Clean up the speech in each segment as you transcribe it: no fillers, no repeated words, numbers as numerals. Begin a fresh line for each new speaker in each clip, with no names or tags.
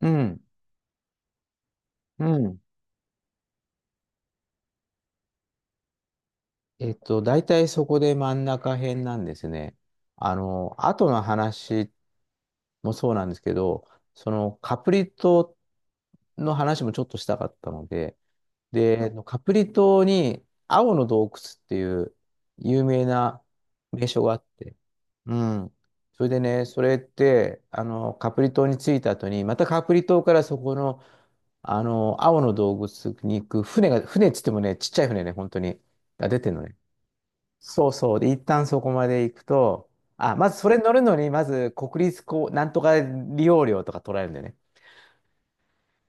うん、うん。大体そこで真ん中辺なんですね。後の話もそうなんですけど、そのカプリ島の話もちょっとしたかったので、で、カプリ島に青の洞窟っていう有名な名所があって。うん。それでね、それって、カプリ島に着いた後に、またカプリ島からそこの、青の洞窟に行く船が、船っつってもね、ちっちゃい船ね、本当に、が出てるのね。そうそう。で、一旦そこまで行くと、あ、まずそれ乗るのに、まず国立こう、なんとか利用料とか取られるんだよね。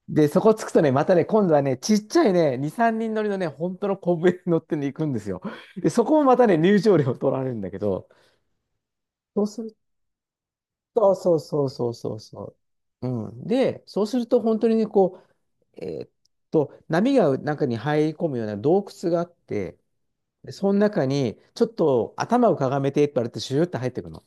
で、そこ着くとね、またね、今度はね、ちっちゃいね、2、3人乗りのね、本当の小舟に乗ってね、行くんですよ。で、そこもまたね、入場料取られるんだけど、そうすると、そうそうそうそうそう。うん。で、そうすると本当にね、こう、えーっ波が中に入り込むような洞窟があって、でその中に、ちょっと頭をかがめてって言われて、シューって入ってくの。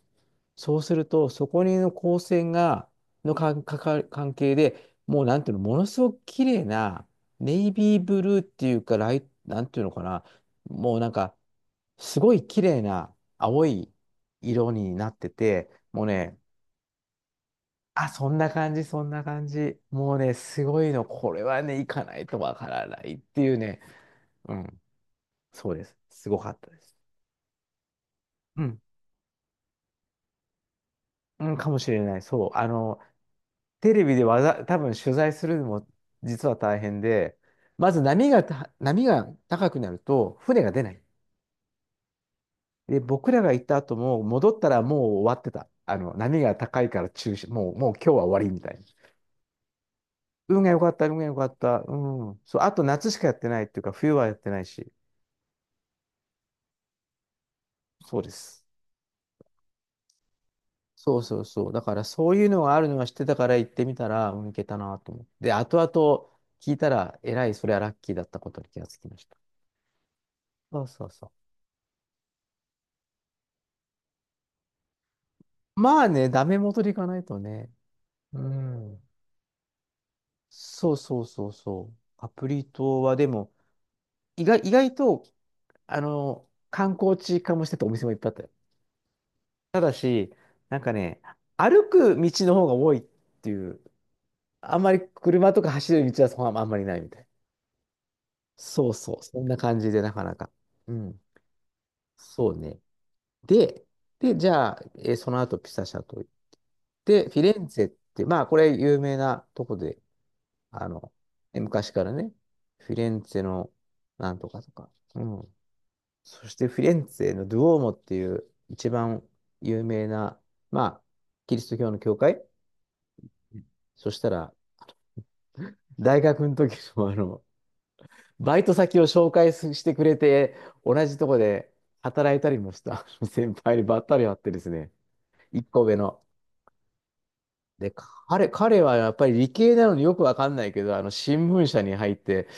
そうすると、そこにの光線が、のかんかか関係で、もうなんていうの、ものすごく綺麗な、ネイビーブルーっていうか、ライ、なんていうのかな、もうなんか、すごい綺麗な青い色になってて、もうね、あ、そんな感じ、そんな感じ。もうね、すごいの、これはね、行かないとわからないっていうね。うん、そうです。すごかったです。うん、うん、かもしれない。そう。テレビでわざ、多分取材するのも実は大変で、まず波がた、波が高くなると船が出ない。で、僕らが行った後も戻ったらもう終わってた。あの、波が高いから中止、もう、もう今日は終わりみたいな。運が良かった、運が良かった。うん。そう、あと夏しかやってないっていうか、冬はやってないし。そうです。そうそうそう。だからそういうのがあるのは知ってたから行ってみたら、うん、いけたなと思って。で、後々聞いたら、えらい、それはラッキーだったことに気がつきました。そうそうそう。まあね、ダメ元でいかないとね。うん。そうそうそうそう。カプリ島はでも、意外、意外と、観光地化もしてたお店もいっぱいあったよ。ただし、なんかね、歩く道の方が多いっていう、あんまり車とか走る道はそこはあんまりないみたい。そうそう、そんな感じでなかなか。うん、そうね。で、で、じゃあ、その後ピサ社と行って、フィレンツェって、まあこれ有名なとこで、あの、昔からね、フィレンツェのなんとかとか。うん。そしてフィレンツェのドゥオーモっていう一番有名な、まあ、キリスト教の教会。うん。そしたら、大学の時のバイト先を紹介すしてくれて、同じとこで働いたりもした 先輩にばったり会ってですね、一個上の。で、彼はやっぱり理系なのによくわかんないけど、あの、新聞社に入って、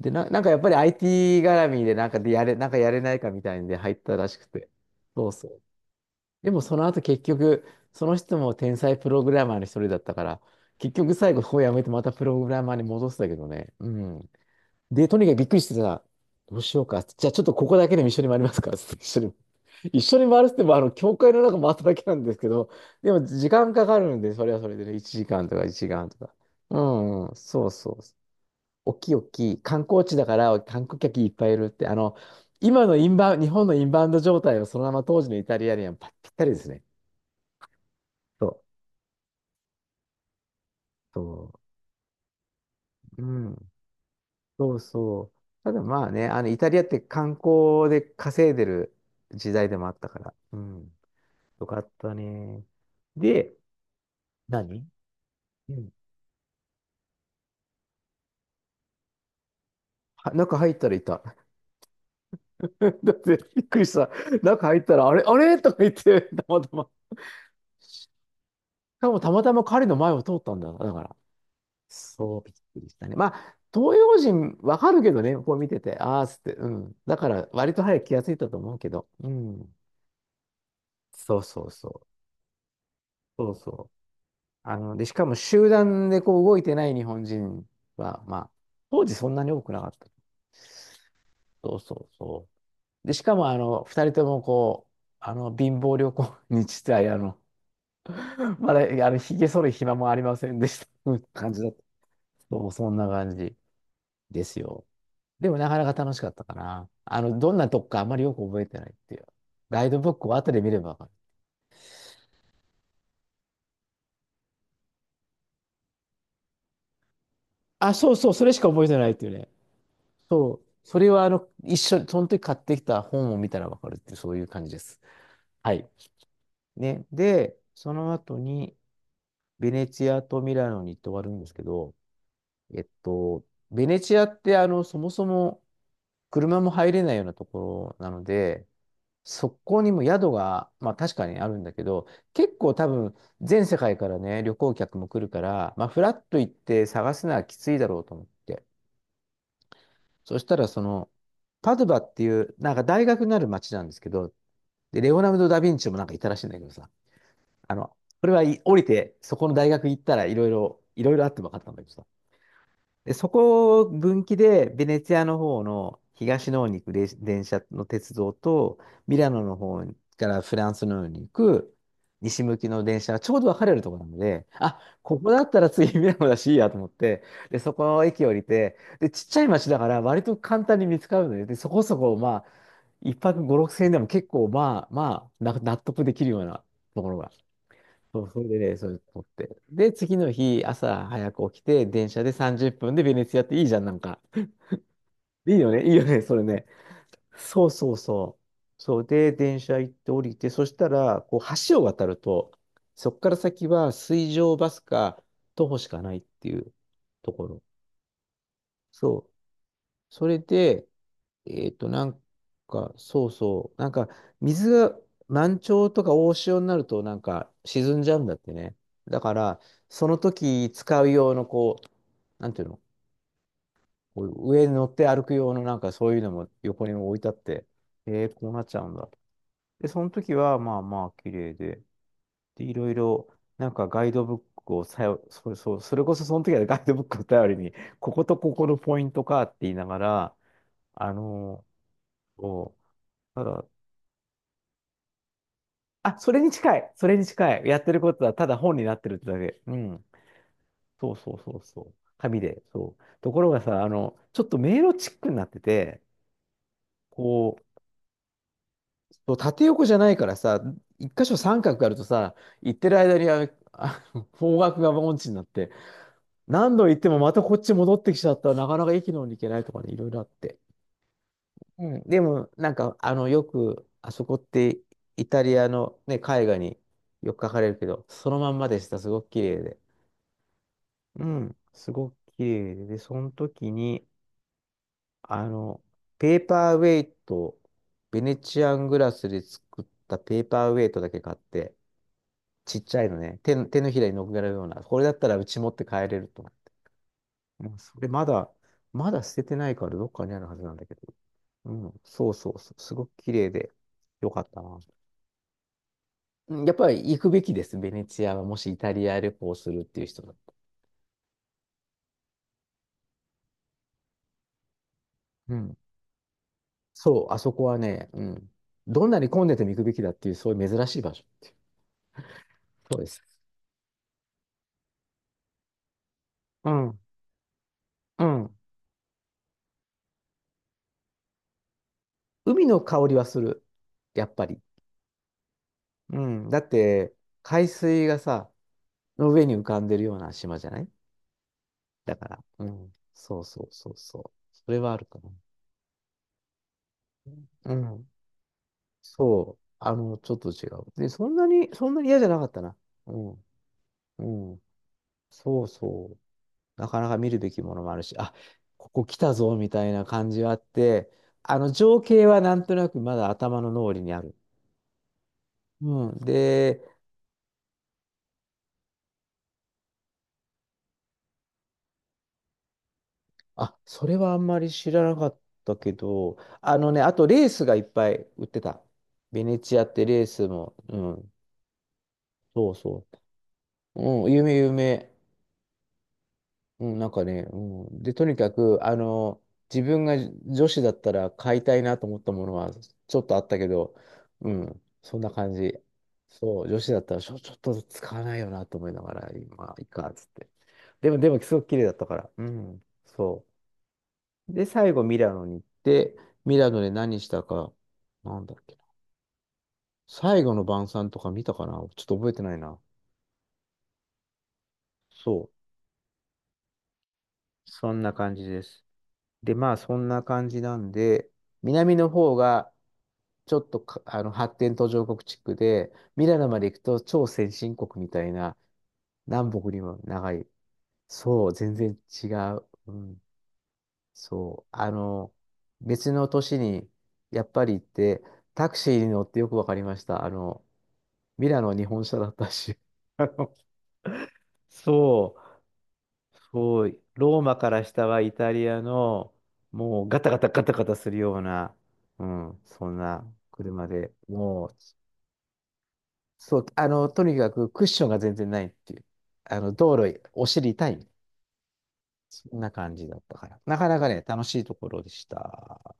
で、なんかやっぱり IT 絡みでなんかでやれ、なんかやれないかみたいんで入ったらしくて。そうそう。でもその後結局、その人も天才プログラマーの一人だったから、結局最後こうやめてまたプログラマーに戻したけどね。うん。で、とにかくびっくりしてさ、どうしようか。じゃあちょっとここだけでも一緒に回りますか。つって一緒に。一緒に回るって言っても、あの、教会の中回っただけなんですけど、でも時間かかるんで、それはそれでね、1時間とか。うん、うん、そうそう。大きい大きい観光地だから観光客いっぱいいるって、あの、今のインバウン、日本のインバウンド状態をそのまま当時のイタリアにはぴったりですね。そう、そう、うん、そうそう。ただまあね、あの、イタリアって観光で稼いでる時代でもあったから、うん、よかったね。で、何うん。は中入ったらいた。だってびっくりした。中入ったら、あれ、あれとか言って、たまたま。しかもたまたま彼の前を通ったんだ。だから。そう、びっくりしたね。まあ、東洋人わかるけどね、こう見てて、ああ、つって、うん。だから、割と早く気がついたと思うけど、うん。そうそうそう。そうそう。で、しかも集団でこう動いてない日本人は、まあ、当時そんなに多くなかった。そうそうそう。で、しかも、二人ともこう、貧乏旅行に実いまだ、ひげ剃る暇もありませんでした。うん感じだった。そう、そんな感じですよ。でもなかなか楽しかったかな。あの、どんなとこかあんまりよく覚えてないっていう。ガイドブックを後で見ればわかる。あ、そうそう、それしか覚えてないっていうね。そう。それはあの、一緒に、その時買ってきた本を見たらわかるっていう、そういう感じです。はい。ね。で、その後に、ベネチアとミラノに行って終わるんですけど、えっと、ベネチアってあの、そもそも車も入れないようなところなので、そこにも宿が、まあ確かにあるんだけど、結構多分全世界からね、旅行客も来るから、まあフラッと行って探すのはきついだろうと思って。そしたらその、パドゥバっていう、なんか大学になる街なんですけど、で、レオナルド・ダ・ヴィンチもなんかいたらしいんだけどさ、あの、これはい降りて、そこの大学行ったらいろいろあって分かったんだけどさ、で、そこを分岐で、ベネツィアの方の東の方に行く電車の鉄道と、ミラノの方からフランスの方に行く西向きの電車がちょうど分かれるところなので、あ、ここだったら次ミラノだしいいやと思って、で、そこの駅降りて、で、ちっちゃい町だから割と簡単に見つかるので、でそこそこ、まあ、一泊5、6千円でも結構、まあまあ、な納得できるようなところが。そう、それでね、それ撮って。で、次の日、朝早く起きて、電車で30分でベネツィアっていいじゃん、なんか。いいよね、いいよね、それね。そうそうそう。そう、で、電車行って降りて、そしたら、こう、橋を渡ると、そこから先は水上バスか徒歩しかないっていうところ。そう。それで、なんか、そうそう。なんか、水が満潮とか大潮になると、なんか、沈んじゃうんだってね。だから、その時使う用の、こう、なんていうの、こう上に乗って歩く用の、なんか、そういうのも横に置いてあって、こうなっちゃうんだ。で、その時は、まあまあ、綺麗で、で、いろいろ、なんか、ガイドブックをさよ、それ、そう、それこそ、その時はねガイドブックを頼りに、こことここのポイントかって言いながら、あのこうただ、あ、それに近い。それに近い。やってることはただ本になってるってだけ。うん。そうそうそうそう。紙で。そう。ところがさ、あの、ちょっと迷路チックになってて、こう、そう縦横じゃないからさ、一箇所三角があるとさ、行ってる間に方角が音痴になって、何度行ってもまたこっち戻ってきちゃったらなかなか駅の方に行けないとかね、いろいろあって。うん。でも、なんか、あの、よく、あそこってイタリアのね、絵画によく描かれるけど、そのまんまでした。すごく綺麗で。うん、すごく綺麗で、で、その時に、あの、ペーパーウェイト、ベネチアングラスで作ったペーパーウェイトだけ買って、ちっちゃいのね、手のひらに乗っけられるような、これだったらうち持って帰れると思って。もうそれまだ、まだ捨ててないからどっかにあるはずなんだけど。うん、そうそうそう、すごく綺麗で、よかったな。うん、やっぱり行くべきです、ベネチアは。もしイタリア旅行するっていう人だったら。うん、そう、あそこはね、うん。どんなに混んでても行くべきだっていう、そういう珍しい場所っていう。そうです。うん。うん。海の香りはする。やっぱり。うん。だって、海水がさ、の上に浮かんでるような島じゃないだから。うん。そうそうそうそう。それはあるかな。うん。そう。あの、ちょっと違う。で、そんなに、そんなに嫌じゃなかったな。うん。うん。そうそう。なかなか見るべきものもあるし、あ、ここ来たぞみたいな感じはあって、あの情景はなんとなくまだ頭の脳裏にある。うん。で、あ、それはあんまり知らなかったけど、あのね、あとレースがいっぱい売ってた。ベネチアってレースも、うん、そうそう。うん、有名有名。うん、なんかね、うん。で、とにかく、あの、自分が女子だったら買いたいなと思ったものはちょっとあったけど、うん、そんな感じ。そう、女子だったらちょ、ちょっと使わないよなと思いながら、今いいか、つって。でも、でも、すごく綺麗だったから。うん、そう。で、最後、ミラノに行って、ミラノで何したか、なんだっけな。最後の晩餐とか見たかな、ちょっと覚えてないな。そう。そんな感じです。で、まあそんな感じなんで、南の方がちょっとかあの発展途上国地区で、ミラノまで行くと超先進国みたいな、南北にも長い。そう、全然違う。うん、そう。あの、別の都市にやっぱり行って、タクシーに乗ってよくわかりました。あの、ミラノ日本車だったし。あの、そう。そう、ローマから下はイタリアの、もうガタガタガタガタするような、うん、そんな車で、もう、そう、あの、とにかくクッションが全然ないっていう、あの、道路、お尻痛い、そんな感じだったから、なかなかね、楽しいところでした。